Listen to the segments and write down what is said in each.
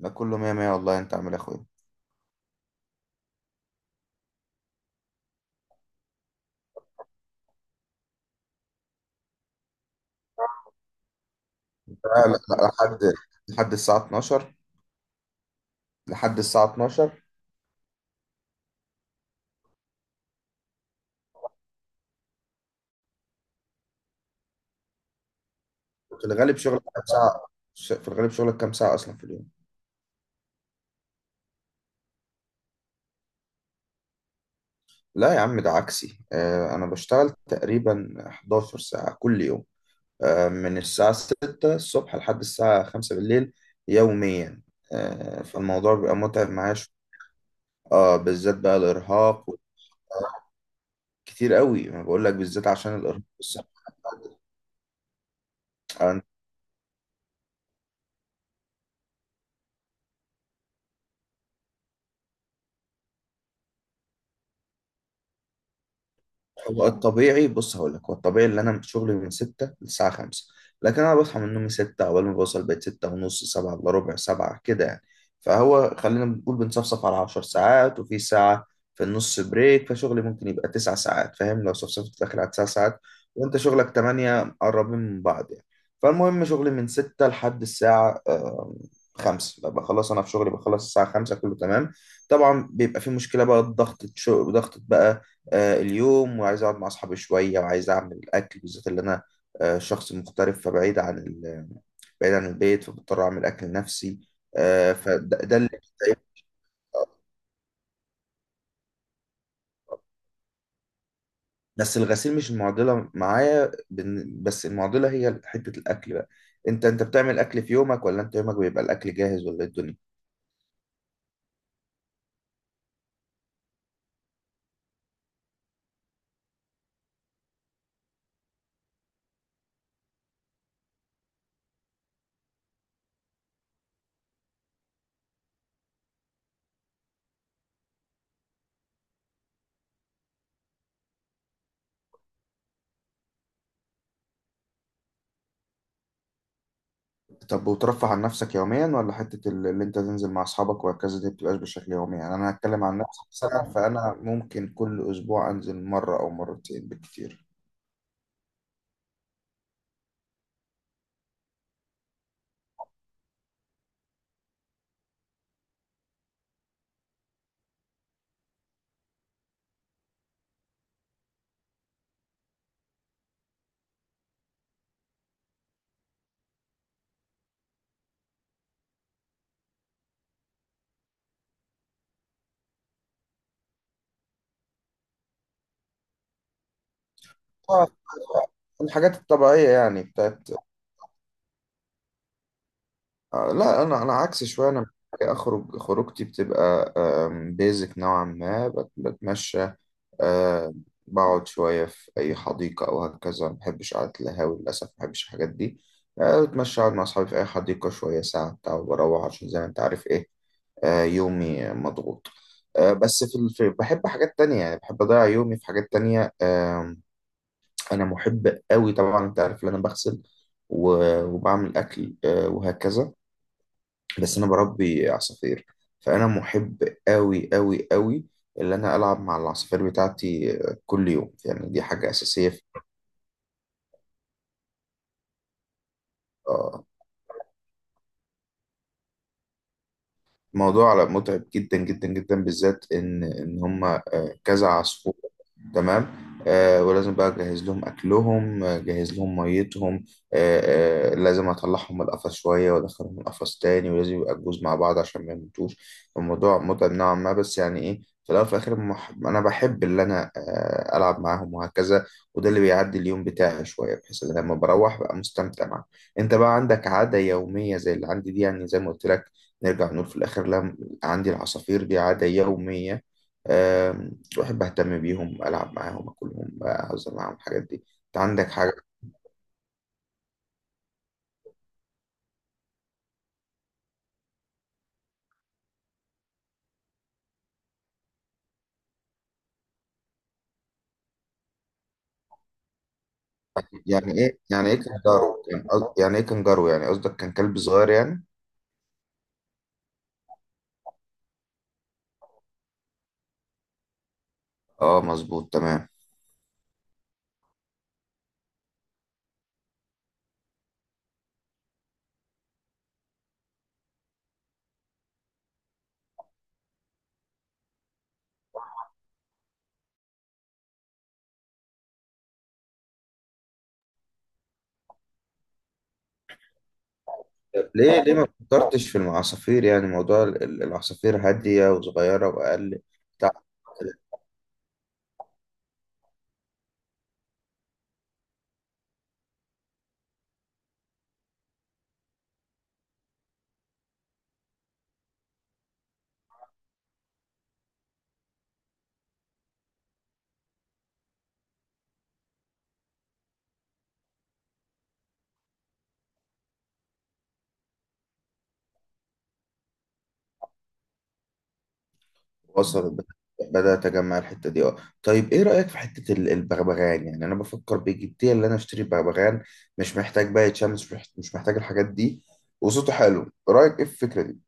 لا، كله مية مية والله. انت عامل يا اخويا لا لحد الساعة 12. لحد الساعة 12. في الغالب شغلك كام ساعة؟ في الغالب شغلك كام ساعة أصلا في اليوم؟ لا يا عم ده عكسي. أنا بشتغل تقريبا 11 ساعة كل يوم، آه من الساعة 6 الصبح لحد الساعة 5 بالليل، يوميا. فالموضوع بيبقى متعب معايا شوية. اه بالذات بقى الإرهاق، كتير قوي. أنا بقول لك بالذات عشان الإرهاق الصحي. هو الطبيعي، بص هقول لك، هو الطبيعي اللي انا شغلي من 6 للساعه 5، لكن انا بصحى من نومي 6. اول ما بوصل بيت 6 ونص، 7 الا ربع، 7 كده يعني. فهو خلينا بنقول بنصفصف على 10 ساعات، وفي ساعه في النص بريك، فشغلي ممكن يبقى 9 ساعات. فاهم؟ لو صفصفت داخل على 9 ساعات وانت شغلك 8، قربين من بعض يعني. فالمهم شغلي من 6 لحد الساعه 5، بخلص، انا في شغلي بخلص الساعه 5، كله تمام. طبعا بيبقى في مشكله بقى، ضغط شغل، ضغط بقى اليوم. وعايز اقعد مع اصحابي شويه، وعايز اعمل اكل، بالذات اللي انا شخص مغترب، فبعيد عن بعيد عن البيت، فبضطر اعمل اكل لنفسي. فده اللي بيتعبني. بس الغسيل مش المعضله معايا، بس المعضله هي حته الاكل بقى. انت بتعمل اكل في يومك، ولا انت يومك بيبقى الاكل جاهز، ولا إيه الدنيا؟ طب، وترفه عن نفسك يوميا، ولا حته اللي انت تنزل مع اصحابك وهكذا دي بتبقاش بشكل يومي؟ يعني انا هتكلم عن نفسي مثلا، فانا ممكن كل اسبوع انزل مره او مرتين بالكتير. آه، الحاجات الطبيعية يعني بتاعت لا، أنا عكس شوية. أنا أخرج، خروجتي بتبقى بيزك نوعا ما، بتمشى، آه، بقعد شوية في أي حديقة أو هكذا. ما بحبش قعدة القهاوي للأسف، ما بحبش الحاجات دي. بتمشى، أقعد مع أصحابي في أي حديقة شوية ساعة بتاع وبروح، عشان زي ما أنت عارف إيه، يومي مضغوط. بس في بحب حاجات تانية، يعني بحب أضيع يومي في حاجات تانية. انا محب قوي. طبعا انت عارف ان انا بغسل وبعمل اكل وهكذا. بس انا بربي عصافير، فانا محب قوي قوي قوي اللي انا العب مع العصافير بتاعتي كل يوم. يعني دي حاجة اساسية في آه، موضوع متعب جدا جدا جدا، بالذات ان هم كذا عصفور. تمام. ولازم بقى اجهز لهم اكلهم، اجهز لهم ميتهم، آه لازم اطلعهم من القفص شويه وادخلهم القفص تاني، ولازم يبقى الجوز مع بعض عشان ما يموتوش. الموضوع متعب نوعا ما، بس يعني ايه، في الاول وفي الاخر انا بحب اللي انا العب معاهم وهكذا. وده اللي بيعدي اليوم بتاعي شويه، بحيث ان أنا لما بروح بقى مستمتع معاهم. انت بقى عندك عاده يوميه زي اللي عندي دي؟ يعني زي ما قلت لك، نرجع نقول في الآخر، لا، عندي العصافير دي عادة يومية. بحب أهتم بيهم، ألعب معاهم، أكلهم، أهزر معاهم، الحاجات دي. أنت عندك حاجة؟ يعني إيه، يعني إيه كنجارو؟ كان يعني إيه كنجارو؟ يعني قصدك كان كلب صغير يعني؟ أه، مظبوط، تمام. طب ليه، ليه ما فكرتش في العصافير؟ يعني موضوع العصافير هادية وصغيرة وأقل بتاع. وصلت، بدأت أجمع الحتة دي. اه، طيب إيه رأيك في حتة البغبغان؟ يعني أنا بفكر بجدية اللي أنا أشتري بغبغان. مش محتاج بقى شمس، مش محتاج الحاجات دي، وصوته حلو. رأيك إيه في الفكرة دي؟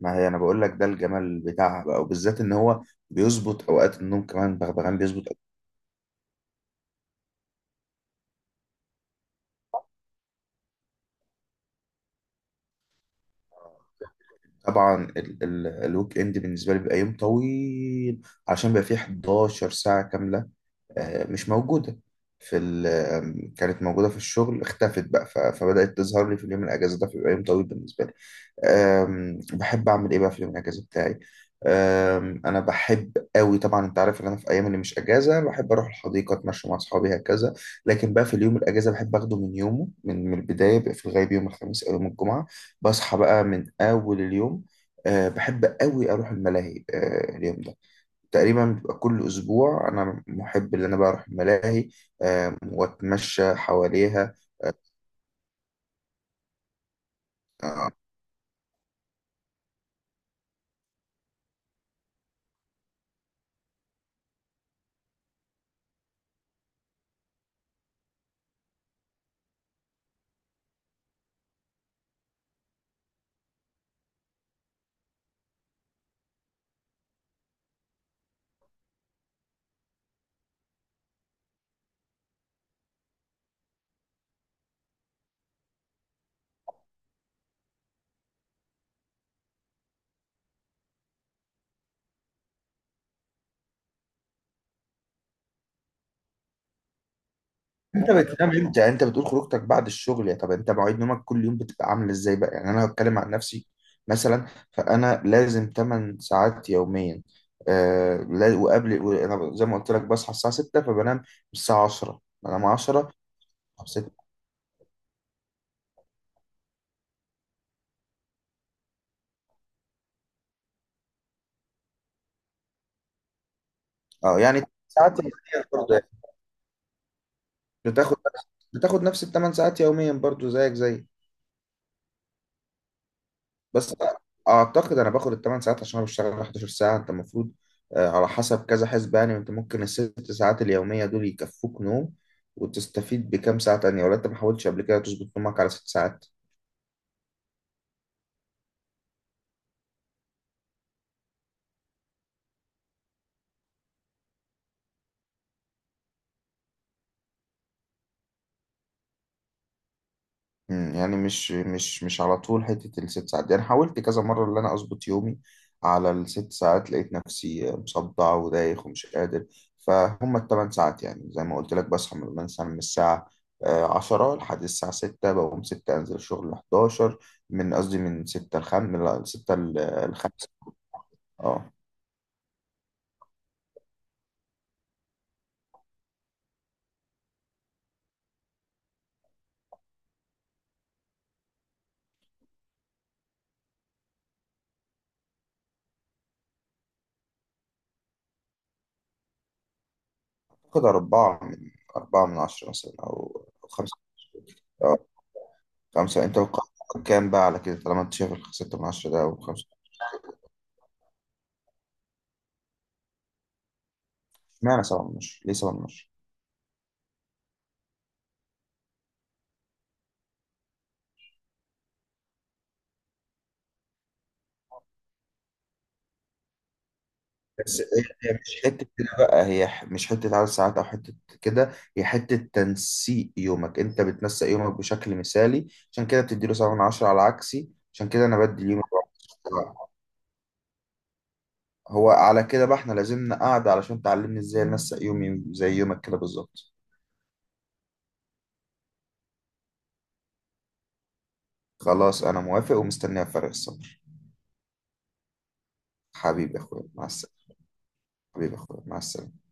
ما هي أنا بقول لك ده الجمال بتاعها بقى، وبالذات إن هو بيظبط أوقات النوم كمان. بغبغان بيظبط أوقات. طبعا ال ال الويك إند بالنسبة لي بيبقى يوم طويل، عشان بيبقى فيه 11 ساعة كاملة مش موجودة في كانت موجودة في الشغل، اختفت بقى، فبدأت تظهر لي في اليوم الأجازة. ده بيبقى يوم طويل بالنسبة لي. بحب أعمل إيه بقى في اليوم الأجازة بتاعي؟ أنا بحب قوي. طبعا أنت عارف إن أنا في أيام اللي مش أجازة بحب أروح الحديقة أتمشى مع أصحابي هكذا، لكن بقى في اليوم الأجازة بحب أخده من يومه، من البداية. بيبقى في الغالب يوم الخميس أو يوم الجمعة، بصحى بقى من أول اليوم. بحب قوي أروح الملاهي اليوم ده. تقريبا بتبقى كل أسبوع أنا محب إن أنا بروح الملاهي وأتمشى حواليها. آه، أنت بتنام إمتى؟ أنت بتقول خروجتك بعد الشغل. يا طب أنت مواعيد نومك كل يوم بتبقى عاملة إزاي بقى؟ يعني أنا هتكلم عن نفسي مثلا، فأنا لازم 8 ساعات يوميا. وقبل، أنا زي ما قلت لك بصحى الساعة 6، فبنام الساعة 10. بنام 10، طب 6، أه يعني ساعات يوميا برضه يعني. بتاخد، بتاخد نفس الثمان ساعات يوميا برضه، زيك زيك. بس اعتقد انا باخد الثمان ساعات عشان انا بشتغل 11 ساعه. انت المفروض على حسب كذا حسبة يعني، انت ممكن الست ساعات اليوميه دول يكفوك نوم وتستفيد بكام ساعه تانية. ولا انت ما حاولتش قبل كده تظبط نومك على ست ساعات؟ يعني مش على طول حتة الست ساعات دي. أنا حاولت كذا مرة إن أنا أظبط يومي على الست ساعات، لقيت نفسي مصدع ودايخ ومش قادر. فهم التمن ساعات يعني زي ما قلت لك، بصحى من مثلا من الساعة عشرة لحد الساعة ستة، بقوم ستة أنزل الشغل لحداشر. من قصدي من ستة لخم من لا، ستة لخمسة. أه كده أربعة من، أربعة من عشرة مثلا، أو أو خمسة. أه خمسة. أنت بتقعد كام بقى على كده طالما أنت شايف الستة من عشرة ده أو خمسة؟ اشمعنى سبعة من عشرة؟ ليه سبعة من عشرة؟ بس هي، هي مش حتة كده بقى، هي مش حتة عدد ساعات أو حتة كده، هي حتة تنسيق يومك. أنت بتنسق يومك بشكل مثالي، عشان كده بتديله سبعة من عشرة. على عكسي، عشان كده أنا بدي اليوم أربعة من عشرة. هو على كده بقى إحنا لازمنا قاعدة علشان تعلمني إزاي أنسق يومي زي يومك كده بالظبط. خلاص أنا موافق ومستنيها بفارغ الصبر. حبيبي يا أخويا، مع السلامة. حبيبي يا أخويا، مع السلامة.